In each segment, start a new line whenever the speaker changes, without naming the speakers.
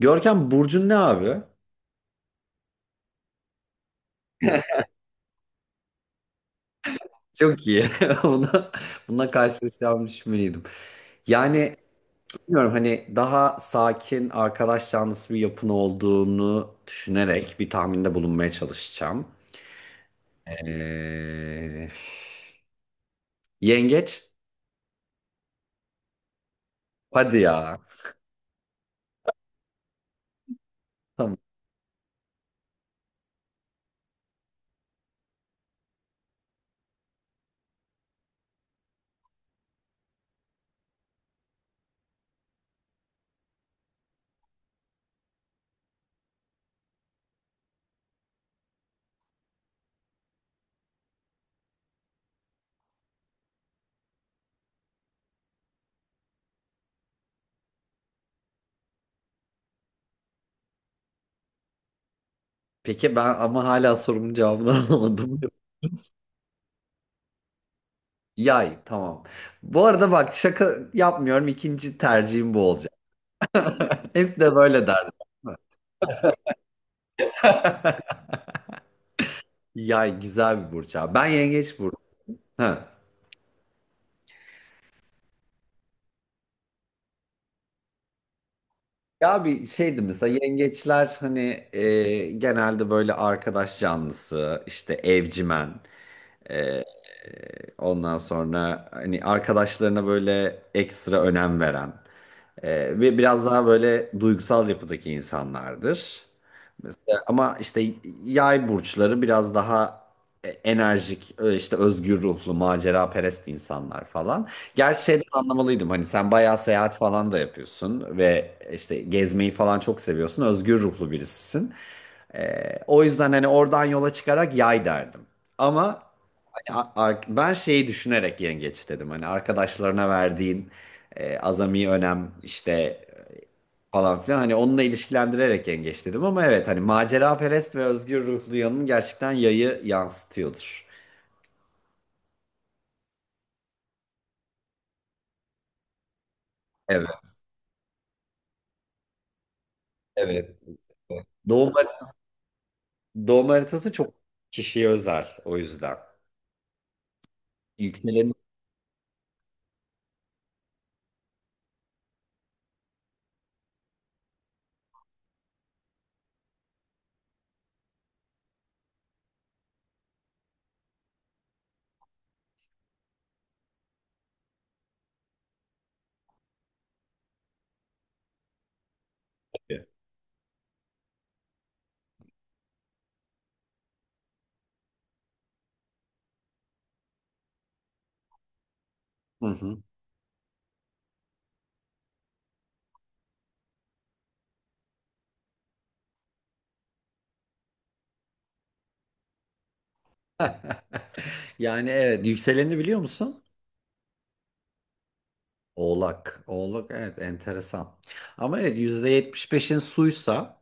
Görkem burcun ne abi? Çok iyi. Buna, bununla karşılaşacağımı düşünmeliydim. Yani bilmiyorum, hani daha sakin arkadaş canlısı bir yapın olduğunu düşünerek bir tahminde bulunmaya çalışacağım. Ee, yengeç? Hadi ya. Tamam. Peki ben ama hala sorumun cevabını alamadım. Yay, tamam. Bu arada bak, şaka yapmıyorum. İkinci tercihim bu olacak. Hep de böyle derler. Yay güzel bir burç abi. Ben yengeç burcu. Ha. Ya bir şeydi, mesela yengeçler hani genelde böyle arkadaş canlısı, işte evcimen, e, e, ondan sonra hani arkadaşlarına böyle ekstra önem veren ve biraz daha böyle duygusal yapıdaki insanlardır. Ama işte yay burçları biraz daha enerjik, işte özgür ruhlu, maceraperest insanlar falan. Gerçi şeyden anlamalıydım, hani sen bayağı seyahat falan da yapıyorsun ve işte gezmeyi falan çok seviyorsun. Özgür ruhlu birisisin. O yüzden hani oradan yola çıkarak yay derdim. Ama hani ben şeyi düşünerek yengeç dedim. Hani arkadaşlarına verdiğin azami önem, işte falan filan. Hani onunla ilişkilendirerek yengeç dedim, ama evet, hani maceraperest ve özgür ruhlu yanın gerçekten yayı yansıtıyordur. Evet, evet. Doğum, doğum haritası çok kişiye özel, o yüzden. Yükseleni. Hı hı. Yani evet, yükseleni biliyor musun? Oğlak. Oğlak, evet, enteresan. Ama evet, %75'in suysa,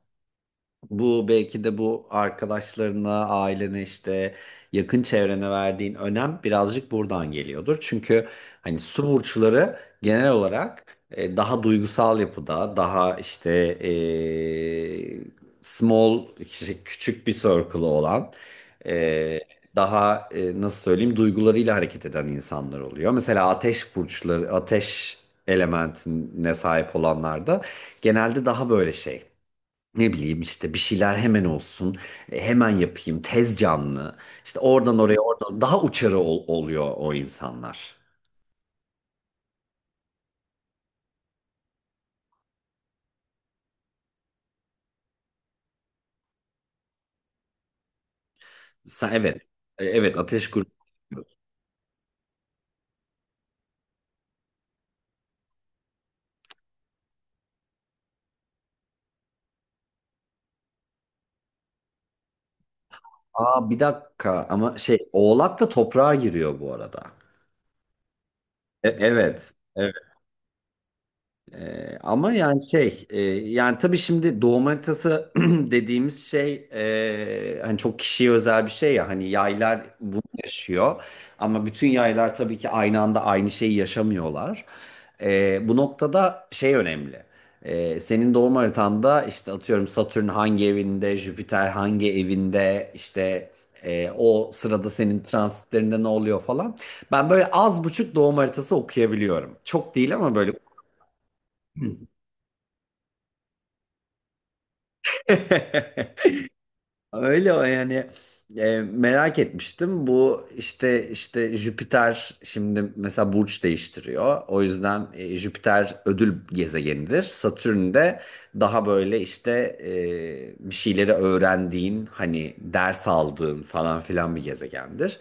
bu belki de bu arkadaşlarına, ailene, işte yakın çevrene verdiğin önem birazcık buradan geliyordur. Çünkü hani su burçları genel olarak daha duygusal yapıda, daha işte e, small, işte küçük bir circle'ı olan, e, daha nasıl söyleyeyim, duygularıyla hareket eden insanlar oluyor. Mesela ateş burçları, ateş elementine sahip olanlar da genelde daha böyle şey, ne bileyim, işte bir şeyler hemen olsun, hemen yapayım, tez canlı. İşte oradan oraya, oradan daha uçarı oluyor o insanlar. Sen, evet. Evet, ateş grubu. Aa, bir dakika, ama şey, Oğlak da toprağa giriyor bu arada. E, evet. Evet. Ama yani şey, yani tabii, şimdi doğum haritası dediğimiz şey hani çok kişiye özel bir şey ya, hani yaylar bunu yaşıyor ama bütün yaylar tabii ki aynı anda aynı şeyi yaşamıyorlar. Bu noktada şey önemli. Senin doğum haritanda işte atıyorum Satürn hangi evinde, Jüpiter hangi evinde, işte o sırada senin transitlerinde ne oluyor falan. Ben böyle az buçuk doğum haritası okuyabiliyorum. Çok değil, ama böyle. Öyle o, yani. Merak etmiştim. Bu işte, işte Jüpiter şimdi mesela burç değiştiriyor. O yüzden Jüpiter ödül gezegenidir. Satürn de daha böyle, işte e, bir şeyleri öğrendiğin, hani ders aldığın falan filan bir gezegendir.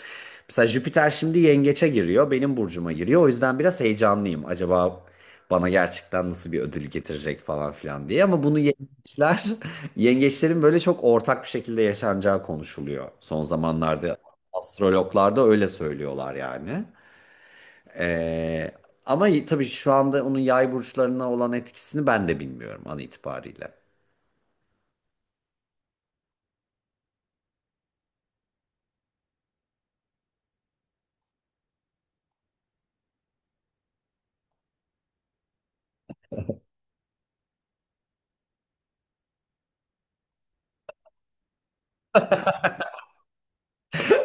Mesela Jüpiter şimdi yengeçe giriyor, benim burcuma giriyor. O yüzden biraz heyecanlıyım. Acaba bana gerçekten nasıl bir ödül getirecek falan filan diye. Ama bunu yengeçler, yengeçlerin böyle çok ortak bir şekilde yaşanacağı konuşuluyor. Son zamanlarda astrologlar da öyle söylüyorlar yani. Ee, ama tabii şu anda onun yay burçlarına olan etkisini ben de bilmiyorum an itibariyle.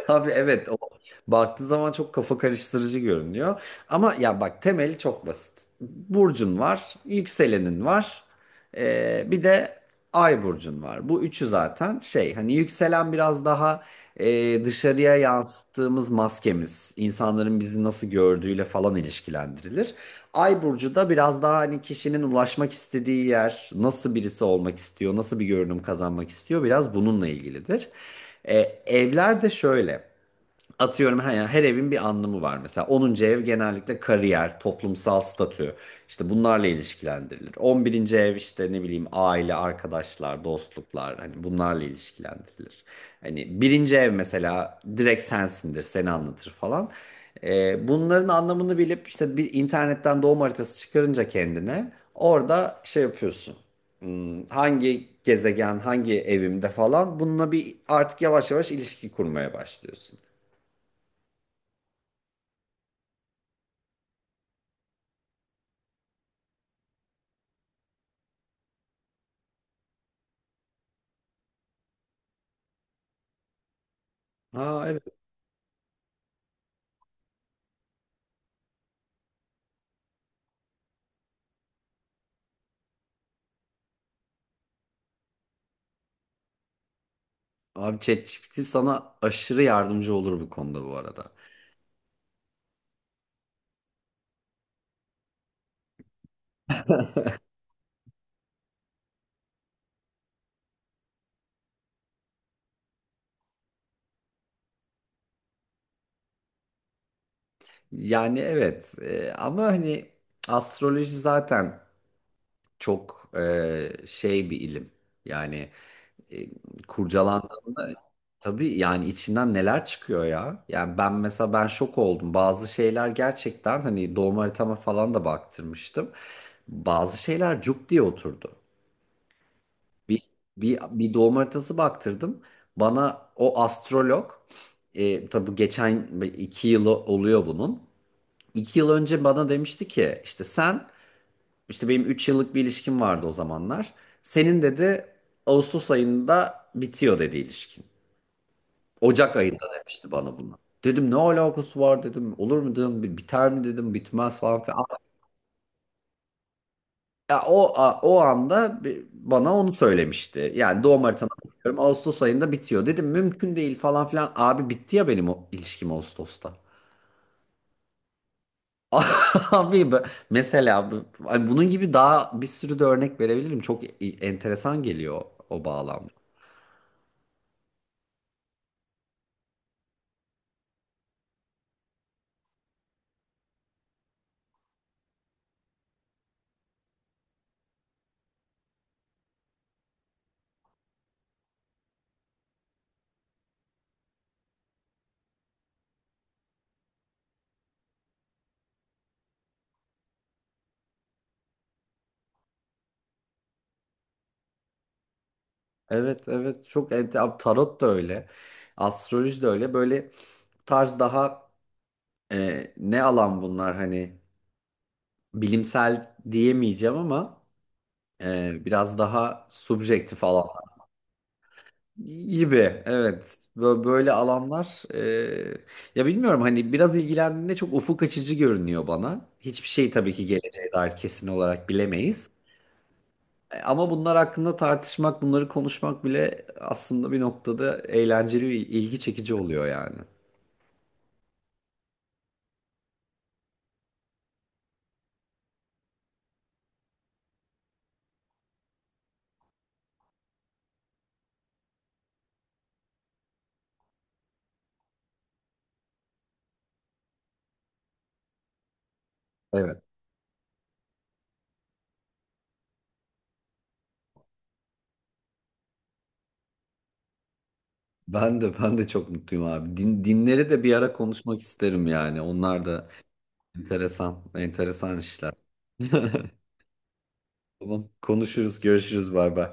Abi evet, o baktığı zaman çok kafa karıştırıcı görünüyor. Ama ya bak, temeli çok basit. Burcun var, yükselenin var, bir de ay burcun var. Bu üçü zaten şey, hani yükselen biraz daha dışarıya yansıttığımız maskemiz, insanların bizi nasıl gördüğüyle falan ilişkilendirilir. Ay burcu da biraz daha hani kişinin ulaşmak istediği yer, nasıl birisi olmak istiyor, nasıl bir görünüm kazanmak istiyor, biraz bununla ilgilidir. E, evler de şöyle. Atıyorum her, yani her evin bir anlamı var mesela. 10. ev genellikle kariyer, toplumsal statü, işte bunlarla ilişkilendirilir. 11. ev işte ne bileyim, aile, arkadaşlar, dostluklar, hani bunlarla ilişkilendirilir. Hani birinci ev mesela direkt sensindir, seni anlatır falan. Bunların anlamını bilip, işte bir internetten doğum haritası çıkarınca kendine orada şey yapıyorsun. Hangi gezegen, hangi evimde falan, bununla bir artık yavaş yavaş ilişki kurmaya başlıyorsun. Aa, evet. Abi, ChatGPT sana aşırı yardımcı olur bu konuda bu arada. Yani evet, ama hani astroloji zaten çok, şey bir ilim. Yani e, kurcalandığında tabii, yani içinden neler çıkıyor ya. Yani ben şok oldum. Bazı şeyler gerçekten, hani doğum haritama falan da baktırmıştım. Bazı şeyler cuk diye oturdu. Bir, bir doğum haritası baktırdım. Bana o astrolog, tabi bu geçen 2 yıl oluyor bunun. 2 yıl önce bana demişti ki, işte sen, işte benim 3 yıllık bir ilişkim vardı o zamanlar. Senin dedi, Ağustos ayında bitiyor dedi ilişkin. Ocak ayında demişti bana bunu. Dedim ne alakası var dedim. Olur mu dedim. Biter mi dedim. Bitmez falan filan. Ya o o anda bana onu söylemişti. Yani doğum haritana bakıyorum. Ağustos ayında bitiyor. Dedim mümkün değil, falan filan. Abi bitti ya benim o ilişkim Ağustos'ta. Abi mesela hani bunun gibi daha bir sürü de örnek verebilirim. Çok enteresan geliyor o bağlam. Evet, evet, çok abi, tarot da öyle. Astroloji de öyle. Böyle bu tarz daha ne alan bunlar, hani bilimsel diyemeyeceğim ama biraz daha subjektif alan. Gibi, evet. Böyle alanlar, ya bilmiyorum, hani biraz ilgilendiğinde çok ufuk açıcı görünüyor bana. Hiçbir şey tabii ki geleceğe dair kesin olarak bilemeyiz. Ama bunlar hakkında tartışmak, bunları konuşmak bile aslında bir noktada eğlenceli, ilgi çekici oluyor yani. Evet. Ben de çok mutluyum abi. Dinleri de bir ara konuşmak isterim yani. Onlar da enteresan, enteresan işler. Tamam, konuşuruz, görüşürüz, bay bay.